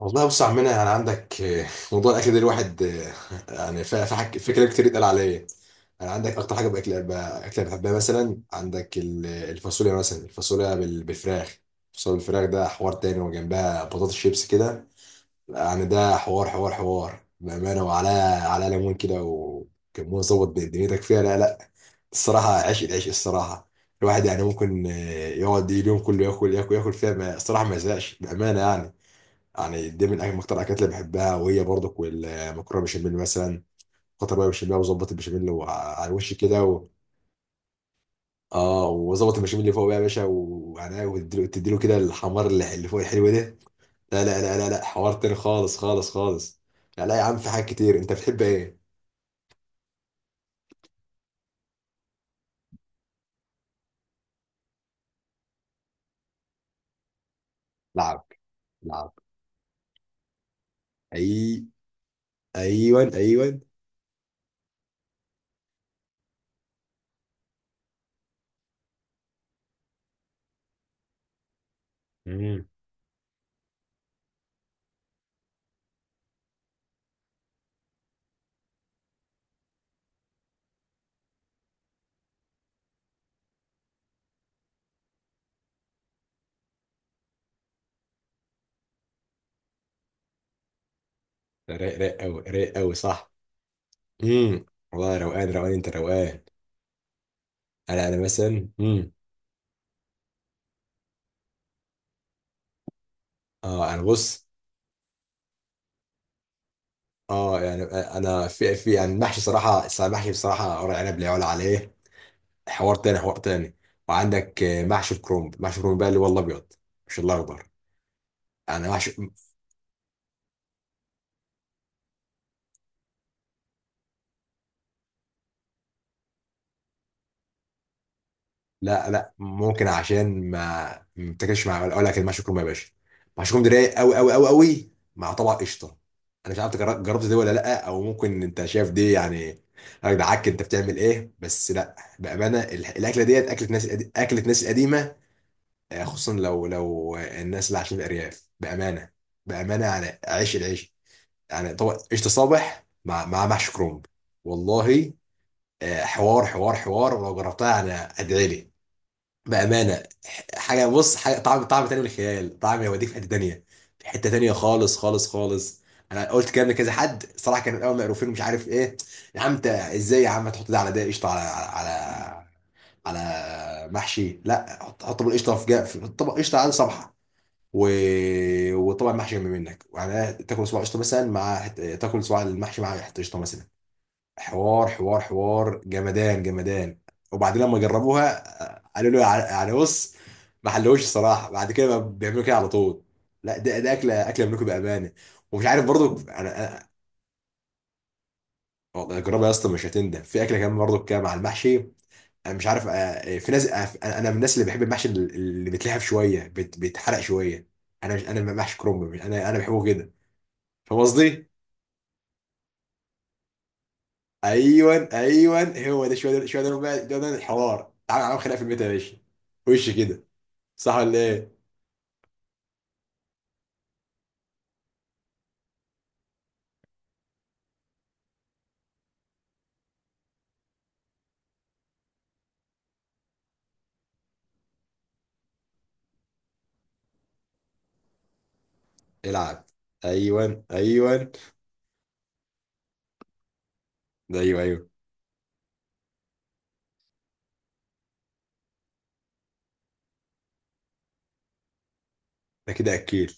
والله بص يا عمنا، يعني عندك موضوع الاكل ده، الواحد يعني في كلام كتير اتقال عليا. انا عندك اكتر حاجه باكل اكله بحبها مثلا، عندك الفاصوليا، مثلا الفاصوليا بالفراخ. الفاصوليا بالفراخ ده حوار تاني، وجنبها بطاطس شيبس كده. يعني ده حوار حوار حوار بامانه، وعلى ليمون كده وكمون، ظبط دنيتك فيها. لا لا، الصراحه عشق، العشق الصراحه. الواحد يعني ممكن يقعد اليوم كله ياكل ياكل ياكل فيها، الصراحه ما يزهقش، بامانه يعني. يعني دي من أهم أكتر الأكلات اللي بحبها، وهي برضك والمكرونة بالبشاميل مثلا، خاطر بقى بالبشاميل، وظبط البشاميل على الوش كده و... اه، وظبط البشاميل اللي فوق بقى يا باشا وعناه، وتديله تديله كده الحمار اللي فوق الحلو ده. لا لا لا لا لا، حوار تاني، خالص خالص خالص. لا لا يا عم، في حاجات كتير. أنت بتحب إيه؟ لعب. لعب. أي. أيوه أيوه. امم. رايق، رايق قوي، رايق قوي، صح. امم. والله روقان، روقان، انت روقان. انا مثلا. اه، انا، بص. اه يعني انا، في يعني المحشي، صراحه المحشي بصراحه ورق عنب لا يعلى عليه. حوار تاني، حوار تاني. وعندك محشي الكرنب، محشي الكرنب بقى اللي هو الابيض مش الاخضر. انا محشي، لا لا، ممكن عشان ما بتاكلش، مع اقول لك المحشي الكرنب يا باشا، محشي الكرنب ده رايق قوي قوي قوي قوي مع طبق قشطه. انا مش عارف جربت دي ولا لا، او ممكن انت شايف دي يعني. يا جدعك انت بتعمل ايه، بس لا بامانه الاكله ديت اكله ناس، اكله ناس قديمه. خصوصا لو الناس اللي عايشين في الارياف بامانه. بامانه يعني عيش، العيش. يعني طبعا قشطه، صبح مع محشي كرومب، والله. حوار حوار حوار لو جربتها يعني، ادعي لي. بامانه، حاجه، بص حاجه، طعم، طعم تاني من الخيال، طعم يوديك في حته تانيه، في حته تانيه، خالص خالص خالص. انا قلت الكلام لكذا حد صراحه، كانوا الاول مقروفين ومش عارف ايه. يا عم انت ازاي يا عم تحط ده على ده، قشطه على محشي. لا، حط حط طبق قشطه، في طبق قشطه على صبحه. و... وطبعا محشي جنب منك يعني، تاكل صباع قشطه مثلا مع تاكل صباع المحشي مع حته قشطه مثلا. حوار حوار حوار، جمدان جمدان. وبعدين لما جربوها قالوا له، يعني بص، ما حلوش الصراحه. بعد كده بقى بيعملوا كده على طول. لا، ده اكله، اكله منكم بامانه. ومش عارف برضو والله جربها يا اسطى، مش هتندم. في اكله كمان برضو كده مع المحشي، انا مش عارف. في ناس. انا من الناس اللي بحب المحشي اللي بيتلهف شويه، بيتحرق شويه. انا مش، انا محشي كرنب، انا بحبه كده. فاهم قصدي؟ ايوه ايوه. هو ده شويه، ده شويه، ده بقى، ده الحوار. تعالى نعمل خناقه في البيت يا باشا، وش كده. صح ولا ايه؟ العب. ايوه ايوه. ده ايوه ايوه، ده كده اكيد.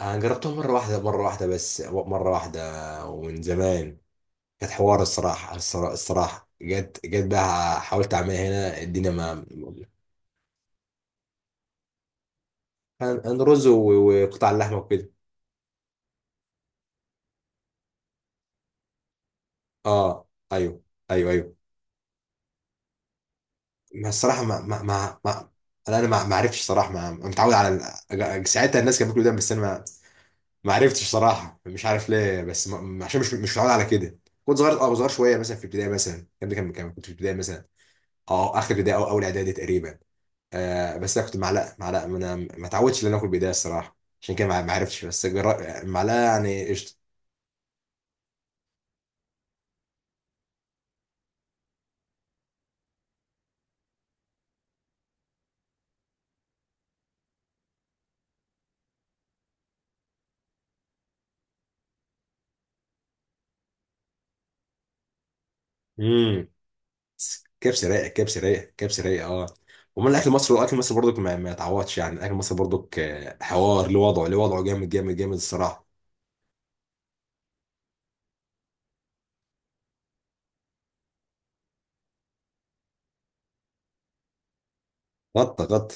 انا جربتها مره واحده، مره واحده، بس مره واحده، ومن زمان. كانت حوار الصراحه، الصراحه جت جت بقى، حاولت اعملها هنا الدنيا ما... كان رز وقطع اللحمه وكده. اه ايوه ايوه ايوه. ما الصراحه ما انا ما عرفتش صراحه، ما متعود على ساعتها، الناس كانت بتقول ده، بس انا ما عرفتش صراحه، مش عارف ليه، بس عشان مش متعود على كده. كنت صغير، صغير شويه مثلا، في ابتدائي مثلا. الكلام ده كنت في ابتدائي مثلا. اه، اخر ابتدائي او اول اعدادي تقريبا. بس انا كنت معلقه، معلقه، ما انا ما اتعودتش ان انا اكل بيضاء الصراحه، عشان كده ما عرفتش، بس معلقه يعني. قشطه. كبسه رايقه، كبسه رايقه، كبسه رايقه، اه. ومن الاكل المصري، الاكل المصري برضك ما يتعوضش، يعني الاكل المصري برضك حوار، له وضعه، له وضعه جامد جامد جامد الصراحه. غطى غطى.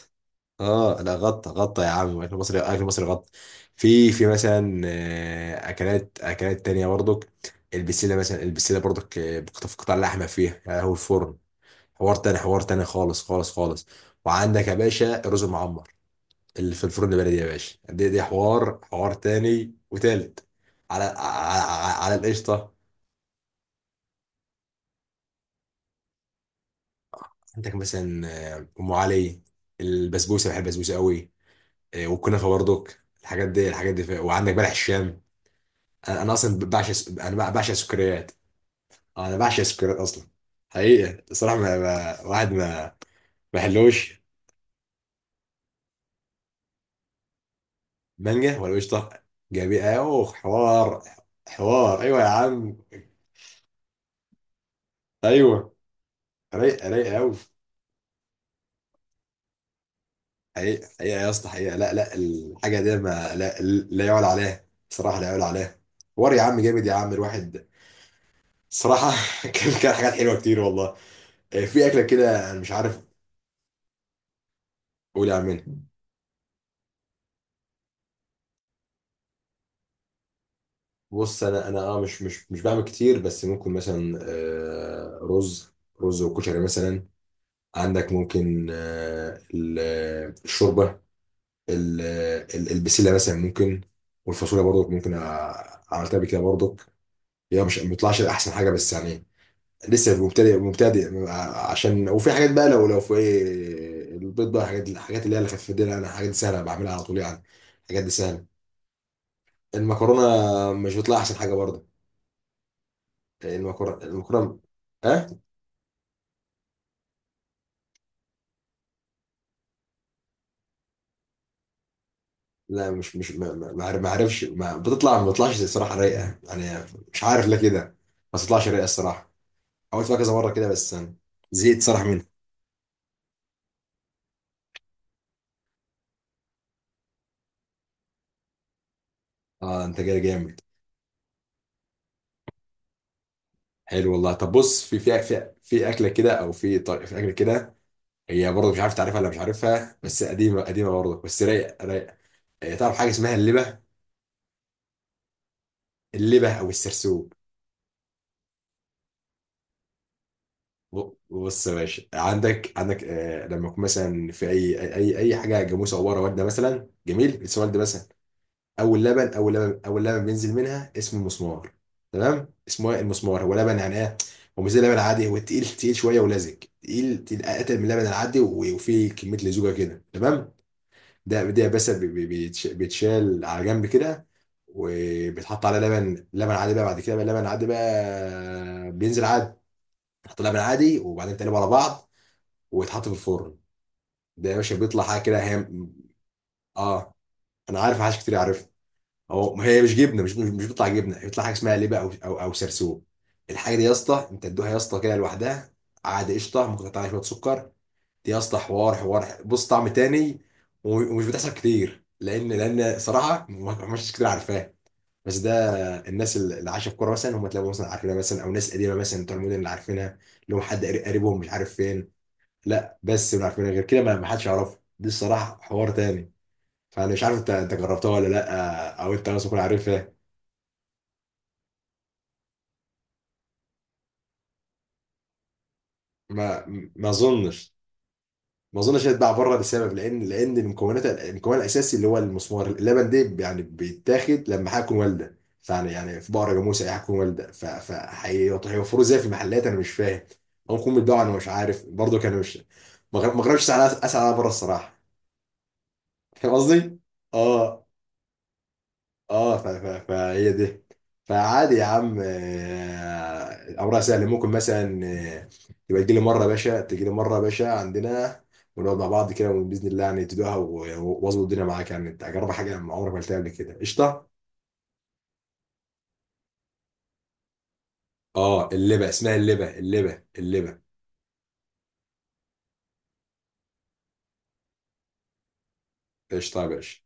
اه لا، غطى غطى يا عم، الاكل المصري، الاكل المصري غطى. في مثلا اكلات، اكلات تانية برضك. البسله مثلا، البسله برضك بقطع، قطع لحمه فيها، هو الفرن، حوار تاني، حوار تاني، خالص خالص خالص. وعندك يا باشا الرز المعمر، اللي في الفرن البلدي يا باشا، دي حوار، حوار تاني وتالت، على على القشطه. عندك مثلا ام علي، البسبوسه، بحب البسبوسه قوي، والكنافه برضك، الحاجات دي، الحاجات دي، وعندك بلح الشام. انا اصلا بعشق انا بعشق السكريات. انا بعشق السكريات اصلا. حقيقه الصراحه، واحد ما حلوش. مانجا ولا قشطه، جابي، اوه حوار، حوار ايوه يا عم، ايوه رايق، رايق قوي. حقيقة حقيقة يا اسطى، حقيقة، لا لا، الحاجة دي ما لا يعلى عليها، صراحة لا يعلى عليها. وري يا عم، جامد يا عم، الواحد، صراحة. كان حاجات حلوة كتير والله. في أكلة كده أنا مش عارف أقول أعملها. بص، أنا مش بعمل كتير، بس ممكن مثلا رز، وكشري مثلا. عندك ممكن الشوربة، البسلة مثلا ممكن، والفاصوليا برضو ممكن، عملتها بكده برضو. هي مش، ما بيطلعش أحسن حاجة، بس يعني، لسه مبتدئ، مبتدئ. عشان وفي حاجات بقى، لو في ايه البيض بقى، حاجات، الحاجات اللي هي الخفيفه دي، لا، انا حاجات سهله بعملها على طول يعني، الحاجات دي سهله. المكرونه مش بتطلع احسن حاجه برضه، المكرونه، المكرونه، ها. لا، مش ما عارفش، ما بتطلعش الصراحه رايقه يعني. مش عارف ليه كده، ما بتطلعش رايقه الصراحه. حاولت فيها كذا مره كده بس أنا زهقت صراحه منها. اه، انت جاي جامد، حلو والله. طب بص، في اكله كده، او في طريقه في اكله كده، هي برضه مش عارف تعرفها ولا مش عارفها، بس قديمه قديمه برضه، بس رايقه رايقه. هي تعرف حاجه اسمها اللبه، اللبه او السرسوب؟ بص يا باشا، عندك لما يكون مثلا في اي اي اي أي حاجه جاموسه عباره والده مثلا، جميل لسه والده مثلا. اول لبن، اول لبن، اول لبن بينزل منها اسمه المسمار. تمام، اسمه إيه؟ المسمار. هو لبن يعني، ايه؟ هو مش زي اللبن العادي، هو تقيل تقيل شويه ولزج، تقيل تقيل، اتقل من اللبن العادي، وفيه كميه، لزوجه كده، تمام. ده بس بيتشال على جنب كده، وبيتحط على لبن، عادي بقى، بعد كده بقى لبن عادي بقى، بينزل عادي، بيتحط لبن عادي، وبعدين تقلبه على بعض، ويتحط في الفرن. ده يا باشا بيطلع حاجه كده هي، اه، انا عارف حاجات كتير عارفها. هو، ما هي مش جبنه، مش بيطلع جبنه، بيطلع حاجه اسمها لبه او سرسوب. الحاجه دي يا اسطى انت تدوها يا اسطى كده لوحدها، عادي قشطه، ممكن تقطع عليها شويه سكر. دي يا اسطى حوار حوار، بص طعم تاني، ومش بتحصل كتير، لان صراحه، ما مش كتير عارفاه. بس ده، الناس اللي عايشه في قرى مثلا، هم تلاقوا مثلا عارفينها مثلا، او ناس قديمه مثلا بتوع المدن اللي عارفينها، اللي هم حد قريبهم، مش عارف فين. لا بس اللي عارفينها، غير كده ما حدش يعرفها دي الصراحه، حوار تاني. فانا مش عارف، انت جربتها ولا لا، او انت مثلا تكون عارفها. ما ما اظنش، هيتباع بره، لسبب، لان مكونات، المكون الاساسي اللي هو المسمار اللبن، ده يعني بيتاخد لما حاجه تكون والده، يعني في بقره، جاموسه، اي حاجه تكون والده، هيوفروه ازاي في المحلات، انا مش فاهم. او يكون بيتباعوا، انا مش عارف برضه، كان مش، ما جربتش، اسال اسال على بره الصراحه. فاهم قصدي؟ اه اه. فهي دي، فعادي يا عم، امرها سهل، ممكن مثلا آه، تبقى تجي لي مره يا باشا، تجي لي مره يا باشا عندنا، ونقعد مع بعض كده باذن الله يعني، تدوقها، واظبط الدنيا معاك يعني، انت اجرب حاجه ما عمرك ما قلتها قبل كده. قشطه. اه، اللبه، اسمها اللبه، اللبه، اللبه. قشطه يا باشا.